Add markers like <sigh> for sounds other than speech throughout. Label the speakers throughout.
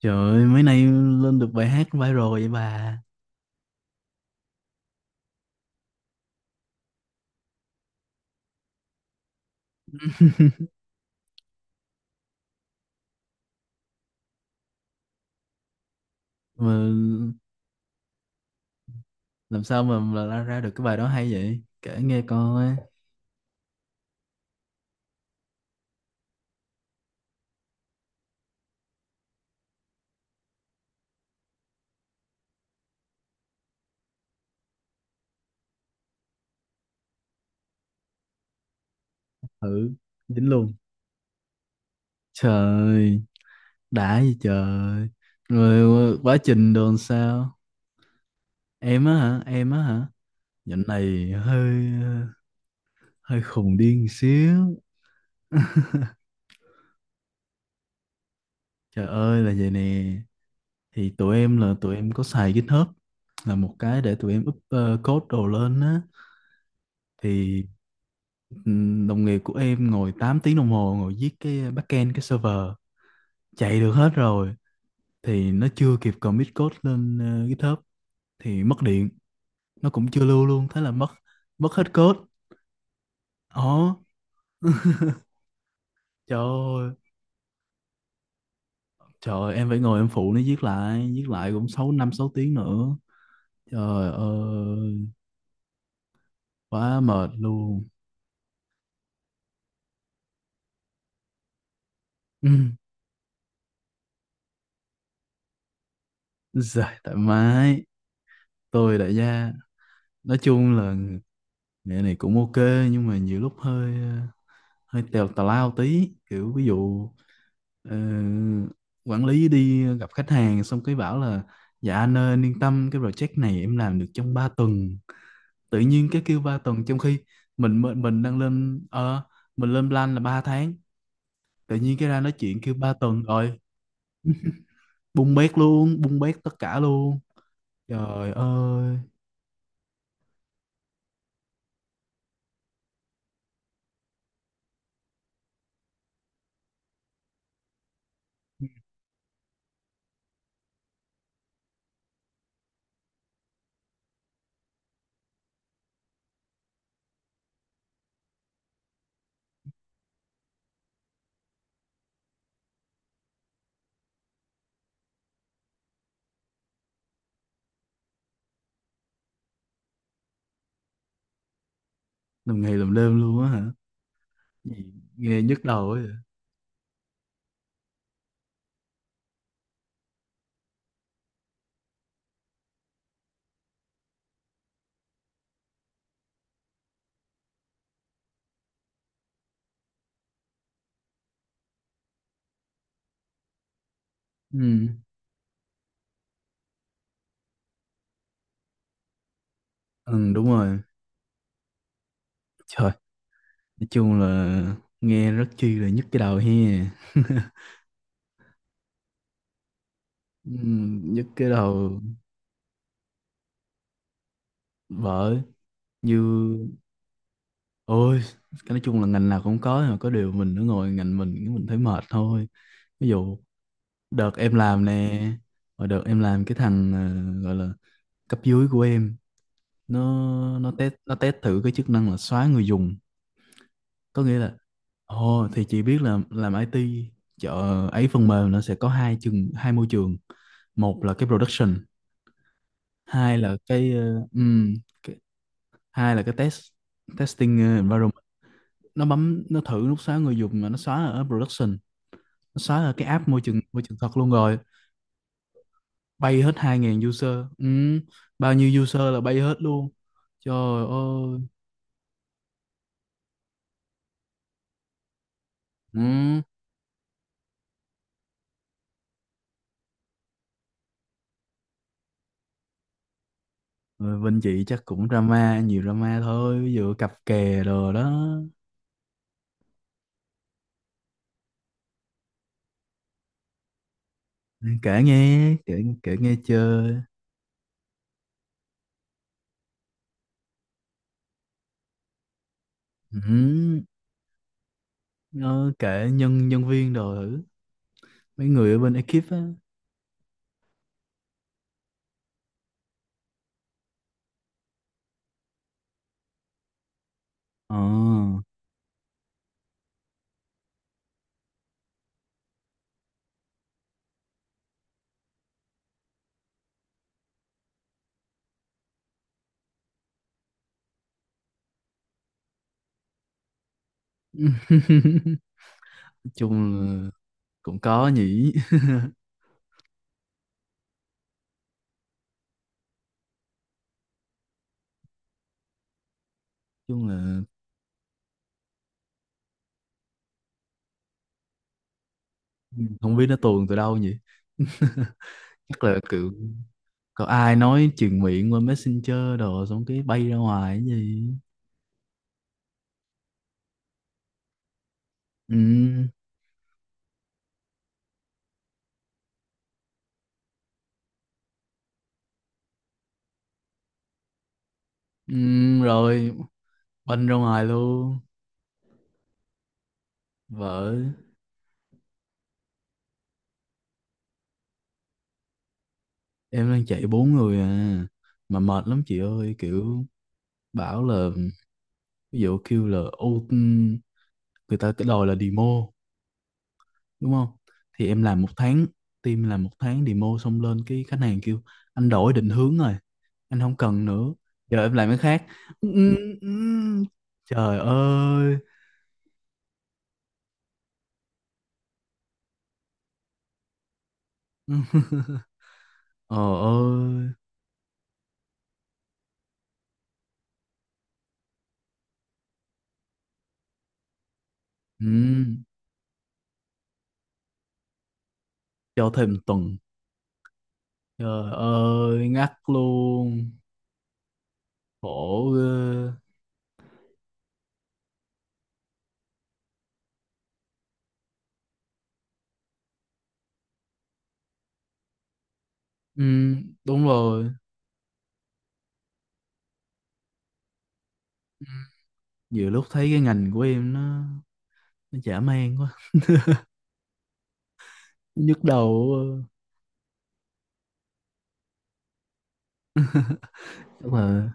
Speaker 1: Trời ơi, mấy nay lên được bài hát viral vậy bà. <laughs> Mà làm sao mà là ra ra được cái bài đó hay vậy? Kể nghe coi. Ừ, dính luôn. Trời, đã gì trời. Rồi quá trình đồn sao? Em á hả? Em á hả? Dạo này hơi hơi khùng điên xíu. <laughs> Trời ơi là vậy nè. Thì tụi em có xài GitHub, là một cái để tụi em up code đồ lên á. Thì đồng nghiệp của em ngồi 8 tiếng đồng hồ ngồi viết cái backend, cái server chạy được hết rồi thì nó chưa kịp commit code lên GitHub thì mất điện, nó cũng chưa lưu luôn, thế là mất mất hết code. Ồ. <laughs> Trời ơi, trời ơi, em phải ngồi em phụ nó viết lại, viết lại cũng 6 tiếng nữa. Trời ơi, quá mệt luôn. <laughs> Ừ. Dạ, thoải mái, tôi đại gia. Nói chung là nghề này cũng ok, nhưng mà nhiều lúc hơi hơi tèo, tào lao tí, kiểu ví dụ ờ, quản lý đi gặp khách hàng xong cái bảo là: "Dạ anh ơi, anh yên tâm, cái project này em làm được trong 3 tuần". Tự nhiên cái kêu 3 tuần, trong khi mình đang lên mình lên plan là 3 tháng, tự nhiên cái ra nói chuyện kêu 3 tuần rồi, bung bét luôn, bung bét tất cả luôn. Trời ơi, làm ngày làm đêm luôn á hả? Gì, nghe nhức đầu ấy. Ừ, ừ đúng rồi. Trời. Nói chung là nghe rất chi là nhức cái đầu he. <laughs> Nhức cái đầu, bởi như ôi, cái nói chung là ngành nào cũng có, nhưng mà có điều mình nó ngồi ngành mình cái mình thấy mệt thôi. Ví dụ đợt em làm nè, và đợt em làm, cái thằng gọi là cấp dưới của em, nó test, nó test thử cái chức năng là xóa người dùng. Có nghĩa là, ồ thì chị biết là làm IT, chợ ấy, phần mềm nó sẽ có hai môi trường. Một là cái production, hai là cái ờ, ừm, cái, hai là cái test, testing environment. Nó bấm, nó thử, nó xóa người dùng mà nó xóa ở production, nó xóa ở cái app môi trường thật luôn rồi, bay hết hai 000 user. Ừm, bao nhiêu user là bay hết luôn. Trời ơi. Ừm, rồi bên chị chắc cũng drama, nhiều drama thôi, ví dụ cặp kè đồ đó. Kể nghe, kể, kể nghe chơi. Ừm, ờ, kể nhân nhân viên đồ thử, mấy người ở bên ekip á. Ờ. <laughs> Chung là cũng có nhỉ. Chung là không biết nó tuồn từ đâu nhỉ. <laughs> Chắc là kiểu có ai nói truyền miệng qua Messenger đồ, xong cái bay ra ngoài cái gì. Ừ, ừ, rồi banh ra ngoài luôn. Vợ. Em đang chạy bốn người à, mà mệt lắm chị ơi, kiểu bảo là ví dụ kêu là, ô người ta cái đòi là demo đúng không, thì em làm một tháng, team làm một tháng, demo xong lên cái khách hàng kêu: "Anh đổi định hướng rồi, anh không cần nữa, giờ em làm cái khác". <laughs> Ừ, ừ, trời ơi. <laughs> Ờ, ơi. Ừ, cho thêm tuần. Trời ơi ngắt luôn. Khổ ghê. Ừ, đúng rồi. Nhiều lúc thấy cái ngành của em nó chả mang quá. Nhức đầu quá, chắc là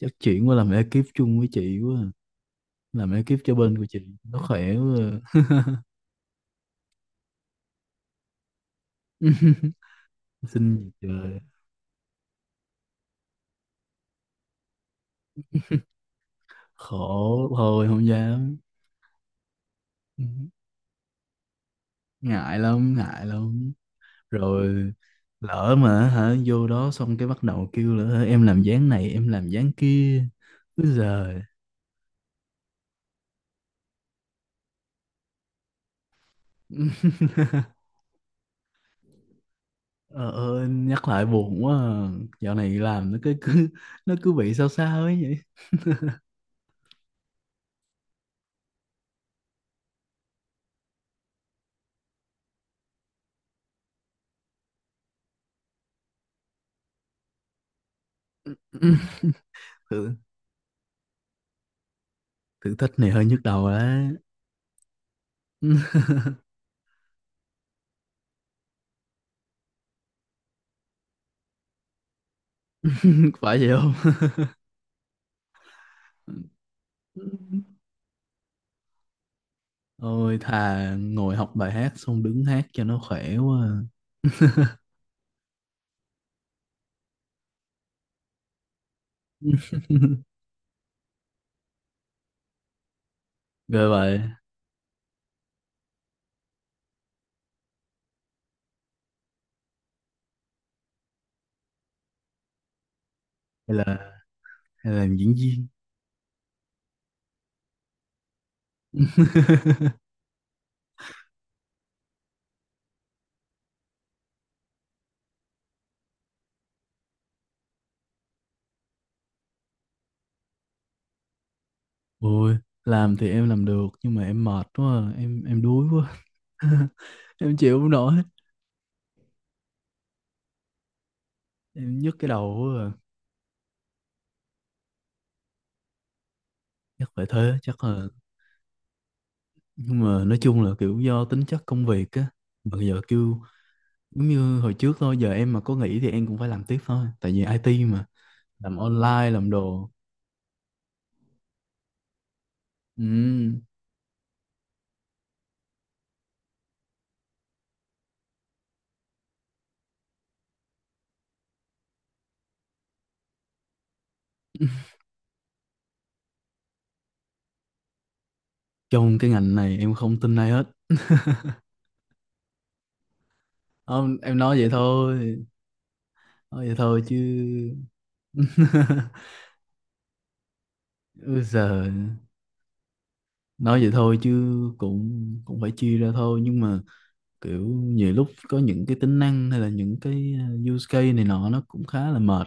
Speaker 1: chắc chuyển qua làm ekip chung với chị quá à. Làm ekip cho bên của chị nó khỏe quá. <laughs> Xin gì trời. Khổ thôi, không dám, ngại lắm, ngại lắm. Rồi lỡ mà hả vô đó xong cái bắt đầu kêu là "Ơ, em làm dáng này, em làm dáng kia bây giờ". Ờ, ờ, <laughs> nhắc lại buồn quá à. Dạo này làm nó cứ nó cứ bị sao sao ấy vậy. <laughs> thử thử thách này hơi nhức đầu đấy. <laughs> Phải vậy không? <laughs> Ôi thà ngồi học bài hát xong đứng hát cho nó khỏe quá à. <laughs> Ghê vậy. Hay là, làm diễn viên. <laughs> Ôi làm thì em làm được nhưng mà em mệt quá à. Em đuối quá. <laughs> Em chịu không nổi, em nhức cái đầu quá à. Chắc phải thế, chắc là, nhưng mà nói chung là kiểu do tính chất công việc á. Mà giờ kêu giống như hồi trước thôi, giờ em mà có nghỉ thì em cũng phải làm tiếp thôi, tại vì IT mà, làm online làm đồ. Ừ. <laughs> Trong cái ngành này em không tin ai hết. Không, em nói vậy thôi, nói vậy thôi chứ. <laughs> Bây giờ nói vậy thôi chứ, cũng cũng phải chia ra thôi, nhưng mà kiểu nhiều lúc có những cái tính năng hay là những cái use case này nọ nó cũng khá là mệt,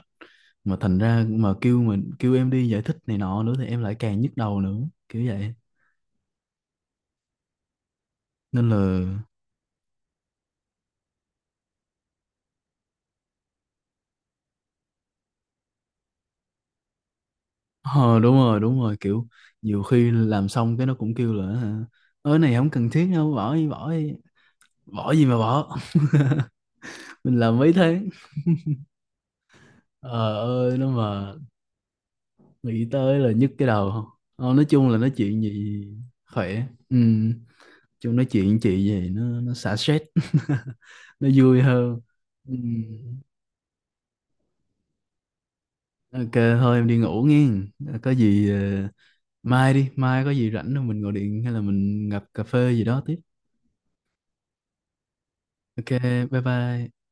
Speaker 1: mà thành ra mà kêu mình, kêu em đi giải thích này nọ nữa thì em lại càng nhức đầu nữa, kiểu vậy nên là. Ờ đúng rồi, đúng rồi, kiểu nhiều khi làm xong cái nó cũng kêu là "Hả, ơi này không cần thiết đâu, bỏ đi, bỏ đi". Bỏ gì mà bỏ. <laughs> Mình làm mấy thế. Ờ ơi, nó mà nghĩ tới là nhức cái đầu không. Ờ, nói chung là nói chuyện gì khỏe. Ừ. Chung nói chuyện chị gì, nó xả stress. <laughs> Nó vui hơn. Ừ. Ok thôi em đi ngủ nghe, có gì mai đi, mai có gì rảnh rồi mình gọi điện hay là mình gặp cà phê gì đó tiếp. Ok, bye bye.